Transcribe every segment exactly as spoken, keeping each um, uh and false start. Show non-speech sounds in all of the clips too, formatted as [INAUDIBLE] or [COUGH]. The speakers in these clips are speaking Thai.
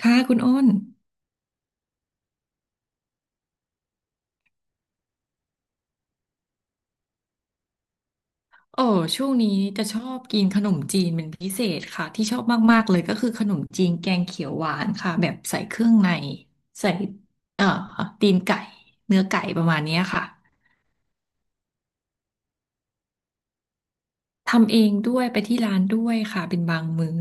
ค่ะคุณอ้นโอ้ช่วงนี้จะชอบกินขนมจีนเป็นพิเศษค่ะที่ชอบมากๆเลยก็คือขนมจีนแกงเขียวหวานค่ะแบบใส่เครื่องในใส่เอ่อตีนไก่เนื้อไก่ประมาณเนี้ยค่ะทำเองด้วยไปที่ร้านด้วยค่ะเป็นบางมื้อ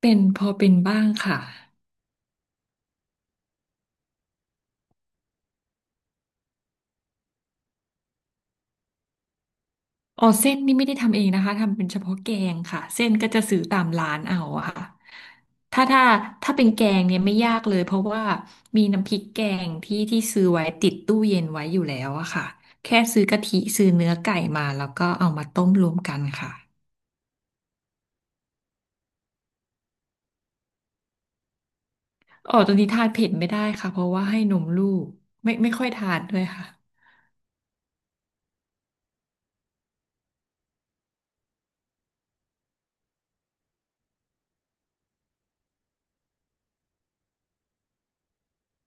เป็นพอเป็นบ้างค่ะ อ๋อเส้นนี่ไม่ได้ทำเองนะคะทำเป็นเฉพาะแกงค่ะเส้นก็จะซื้อตามร้านเอาอะค่ะถ้าถ้าถ้าเป็นแกงเนี่ยไม่ยากเลยเพราะว่ามีน้ำพริกแกงที่ที่ซื้อไว้ติดตู้เย็นไว้อยู่แล้วอะค่ะแค่ซื้อกะทิซื้อเนื้อไก่มาแล้วก็เอามาต้มรวมกันค่ะอ๋อตอนนี้ทานเผ็ดไม่ได้ค่ะเพราะว่าให้นมลูกไม่ไม่ค่อยทานด้วยค่ะ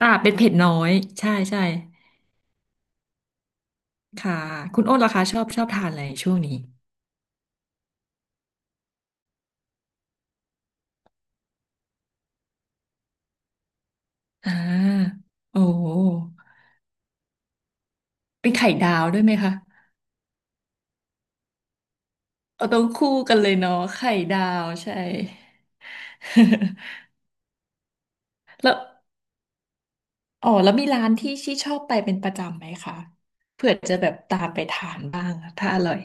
อ่าเป็นเผ็ดน้อยใช่ใช่ค่ะคุณอ้นล่ะคะชอบชอบทานอะไรช่วงนี้อ่าโอ้เป็นไข่ดาวด้วยไหมคะ เอาต้องคู่กันเลยเนาะไข่ดาวใช่ [LAUGHS] แล้วอ๋อแล้วมีร้านที่ชี่ชอบไปเป็นประจำไหมคะเผื่อจะแบบตามไปทานบ้างถ้าอร่อย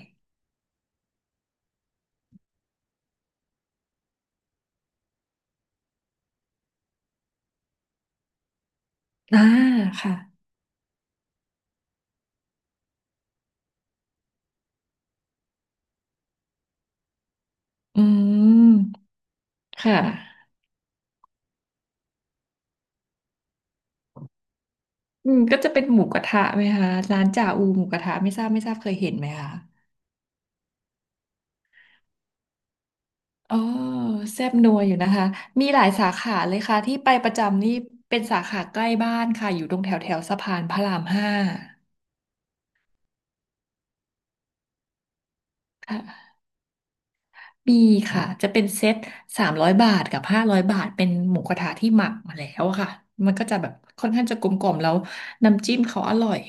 อ่าค่ะอืมค่ะอืมก็จะเป็นหมูกระทะไหมคะร้านจ่าอูหมูกระทะไม่ทราบไม่ทราบเคยเห็นไหมคะอ๋อแซ่บนัวอยู่นะคะมีหลายสาขาเลยค่ะที่ไปประจำนี่เป็นสาขาใกล้บ้านค่ะอยู่ตรงแถวแถวสะพานพระรามห้า มีค่ะจะเป็นเซ็ตสามร้อยบาทกับห้าร้อยบาทเป็นหมูกระทะที่หมักมาแล้วอะค่ะมันก็จะแบบค่อนข้างจะกลมๆแล้วน้ำจิ้มเขาอร่อย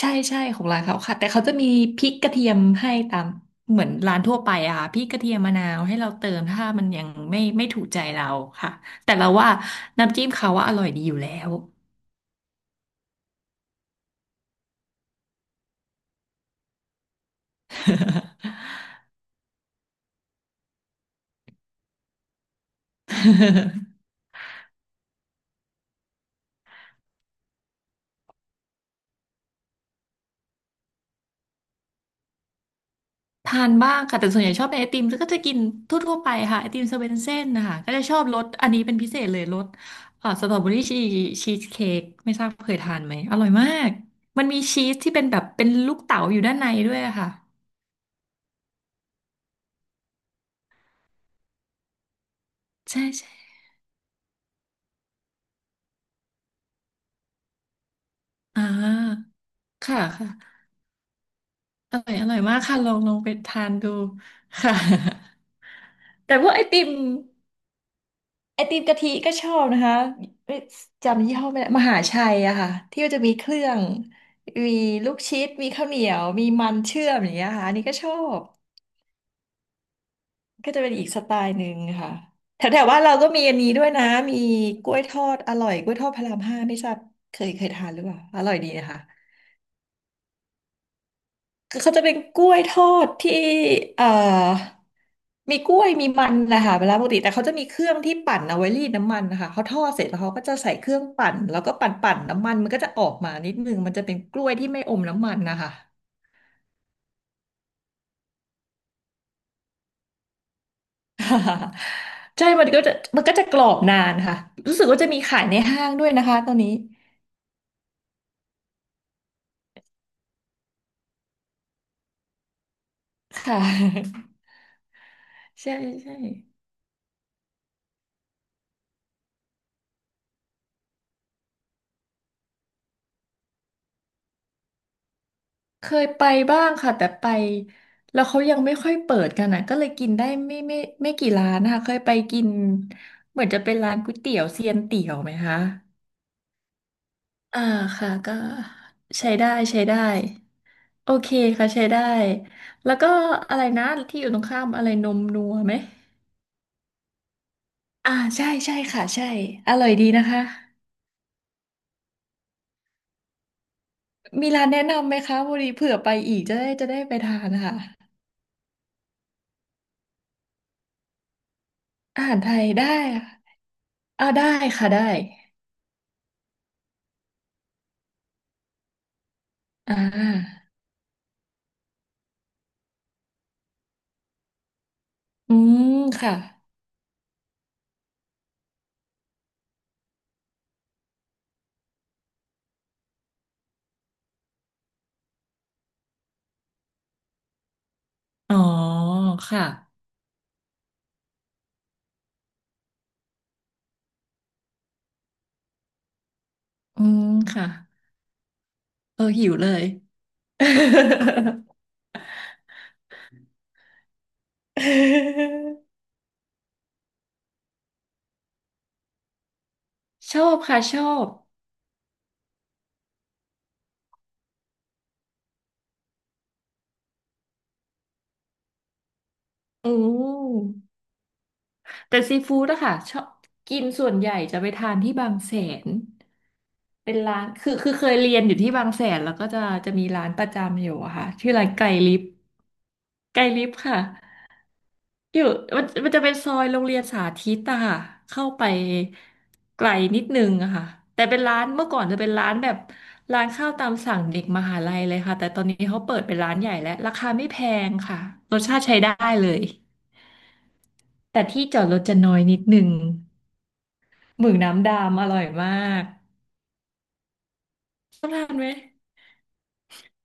ใช่ใช่ของร้านเขาค่ะแต่เขาจะมีพริกกระเทียมให้ตามเหมือนร้านทั่วไปอะค่ะพริกกระเทียมมะนาวให้เราเติมถ้ามันยังไม่ไม่ถูกใจเราค่ะแต่เราว่าน้ำจิ้มเขาว่าอร่อยดีอยู่แล้ว [LAUGHS] ทานบ้างค่ะแต่ส่วนใหญ่ชอบเป็นไอติมแล้วก็จะกินทั่วๆไปค่ะไอติมสเวนเซ่นนะคะก็จะชอบรสอันนี้เป็นพิเศษเลยรสเอ่อสตรอเบอรี่ชีชีสเค้กไม่ทราบเคยทานไหมอร่อยมากมันมีชีสที่เป็นแบบเป็นลูกเต๋าอยู่ด้านในด้วยอะค่ะใช่ใช่อ่าค่ะค่ะอร่อยอร่อยมากค่ะลองลองไปทานดูค่ะ [LAUGHS] แต่พวกไอติม ไอติมกะทิก็ชอบนะคะเอ้ยจำยี่ห้อไม่ได้มหาชัยอะค่ะที่มัจะมีเครื่องมีลูกชิดมีข้าวเหนียวมีมันเชื่อมอย่างเงี้ยค่ะอันนี้ก็ชอบก็จะเป็นอีกสไตล์หนึ่งค่ะแถวแถวว่านเราก็มีอันนี้ด้วยนะมีกล้วยทอดอร่อยกล้วยทอดพระรามห้าไม่ทราบเคยเคยทานหรือเปล่าอร่อยดีนะคะ เขาจะเป็นกล้วยทอดที่เอ่อมีกล้วยมีมันนะคะเวลาปกติแต่เขาจะมีเครื่องที่ปั่นเอาไว้รีดน้ำมันนะคะเขาทอดเสร็จแล้วเขาก็จะใส่เครื่องปั่นแล้วก็ปั่นปั่นน้ำมันมันก็จะออกมานิดนึงมันจะเป็นกล้วยที่ไม่อมน้ำมันนะคะ [LAUGHS] ใช่มันก็จะมันก็จะกรอบนานค่ะรู้สึกว่าจะมีขายในห้างด้วยนะคะตอนนี้ค่ะ [LAUGHS] ใช่ใช่ เคยไปบ้างค่ะแต่ไปแล้วเขายังไม่ค่อยเปิดกันอ่ะก็เลยกินได้ไม่ไม่ไม่กี่ร้านนะคะเคยไปกินเหมือนจะเป็นร้านก๋วยเตี๋ยวเซียนเตี๋ยวไหมคะอ่าค่ะก็ใช้ได้ใช้ได้โอเคค่ะใช้ได้แล้วก็อะไรนะที่อยู่ตรงข้ามอะไรนมนัวไหมอ่าใช่ใช่ค่ะใช่อร่อยดีนะคะมีร้านแนะนำไหมคะพอดีเผื่อไปอีกจะได้จะได้ไปทานนะคะอาหารไทยได้ค่ะอ่าได้ค่ะได้อ่า อืมค่ะ อ๋อค่ะ อืมค่ะ เออหิวเลย [LAUGHS] ชอบค่ะชอบ อืมแต่ซีฟู้ดอะค่ะชอบกินส่วนใหญ่จะไปทานที่บางแสน เป็นร้านคือคือเคยเรียนอยู่ที่บางแสนแล้วก็จะจะมีร้านประจำอยู่อะค่ะชื่อร้านไก่ลิฟไก่ลิฟค่ะ อยู่มันมันจะเป็นซอยโรงเรียนสาธิตอะค่ะเข้าไปไกลนิดนึงอะค่ะแต่เป็นร้านเมื่อก่อนจะเป็นร้านแบบร้านข้าวตามสั่งเด็กมหาลัยเลยค่ะแต่ตอนนี้เขาเปิดเป็นร้านใหญ่แล้วราคาไม่แพงค่ะรสชาติใช้ได้เลยแต่ที่จอดรถจะน้อยนิดนึงหมึกน้ำดำอร่อยมากชอบทานไหม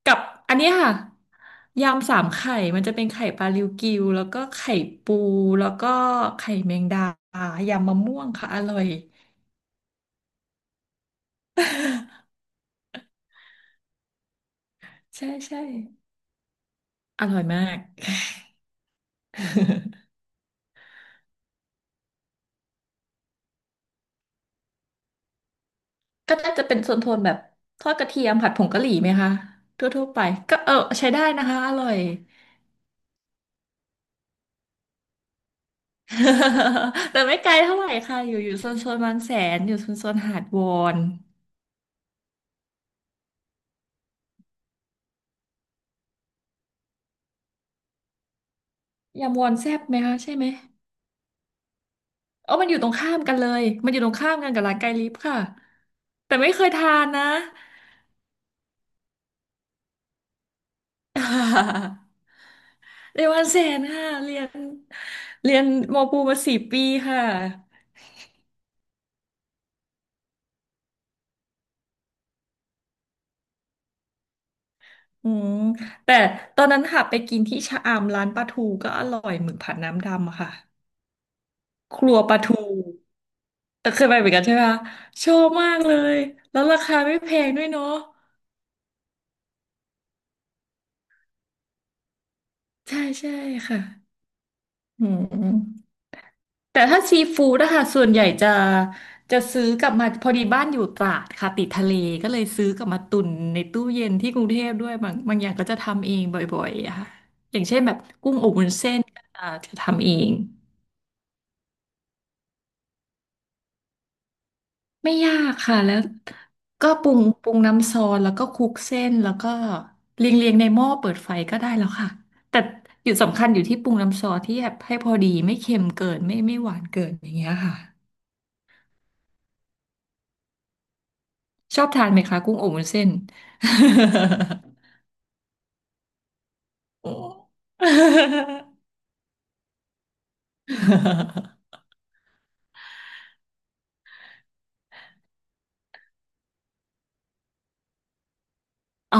กับอันนี้ค่ะยำสามไข่มันจะเป็นไข่ปลาริวกิวแล้วก็ไข่ปูแล้วก็ไข่แมงดายำมะม่วงค่ะอร่อย [LAUGHS] ใช่ใช่อร่อยมาก [LAUGHS] ก็น่าจะเป็นโซนโทนแบบทอดกระเทียมผัดผงกะหรี่ไหมคะทั่วๆไปก็เออใช้ได้นะคะอร่อย [LAUGHS] แต่ไม่ไกลเท่าไหร่ค่ะอยู่อยู่โซนโซนบางแสนอยู่โซนโซนหาดวอนยำวอนแซ่บไหมคะใช่ไหมเออมันอยู่ตรงข้ามกันเลยมันอยู่ตรงข้ามกันกับร้านไกลลิฟค่ะแต่ไม่เคยทานนะ [LAUGHS] เรียนวันแสนค่ะเรียนเรียนมปูมาสี่ปีค่ะ อืมแต่ตอนนั้นค่ะไปกินที่ชะอำร้านปลาทูก็อร่อยหมึกผัดน้ำดำอะค่ะครัวปลาทูแต่เคยไปเหมือนกันใช่ไหมคะชอบมากเลยแล้วราคาไม่แพงด้วยเนาะใช่ใช่ค่ะอืมแต่ถ้าซีฟู้ดนะคะส่วนใหญ่จะจะซื้อกลับมาพอดีบ้านอยู่ตราดค่ะติดทะเลก็เลยซื้อกลับมาตุนในตู้เย็นที่กรุงเทพด้วยบางบางอย่างก็จะทำเองบ่อยๆอะค่ะอย่างเช่นแบบกุ้งอบวุ้นเส้นก็จะทำเอง ไม่ยากค่ะแล้วก็ปรุงปรุงน้ำซอสแล้วก็คลุกเส้นแล้วก็เรียงเรียงในหม้อเปิดไฟก็ได้แล้วค่ะแต่อยู่สำคัญอยู่ที่ปรุงน้ำซอสที่แบบให้พอดีไม่เค็มเกินไม่ไม่หวานเกินอย่างเงี้ยค่ะชอบทานไหมคะกุ้งอบวุ้นเส้น [LAUGHS] โอ้ [LAUGHS] อ๋อ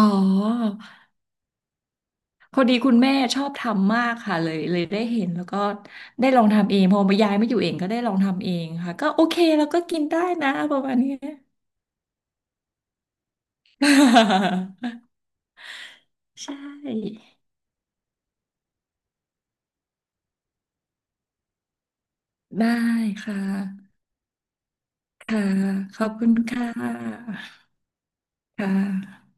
พอดีคุณแม่ชอบทำมากค่ะเลยเลยได้เห็นแล้วก็ได้ลองทำเองพอมายายไม่อยู่เองก็ได้ลองทำเองค่ะก็โอเคแล้วก็กินได้นะประมาณเนี้ย [LAUGHS] ใช่ได้ค่ะค่ะขอบคุณค่ะค่ะ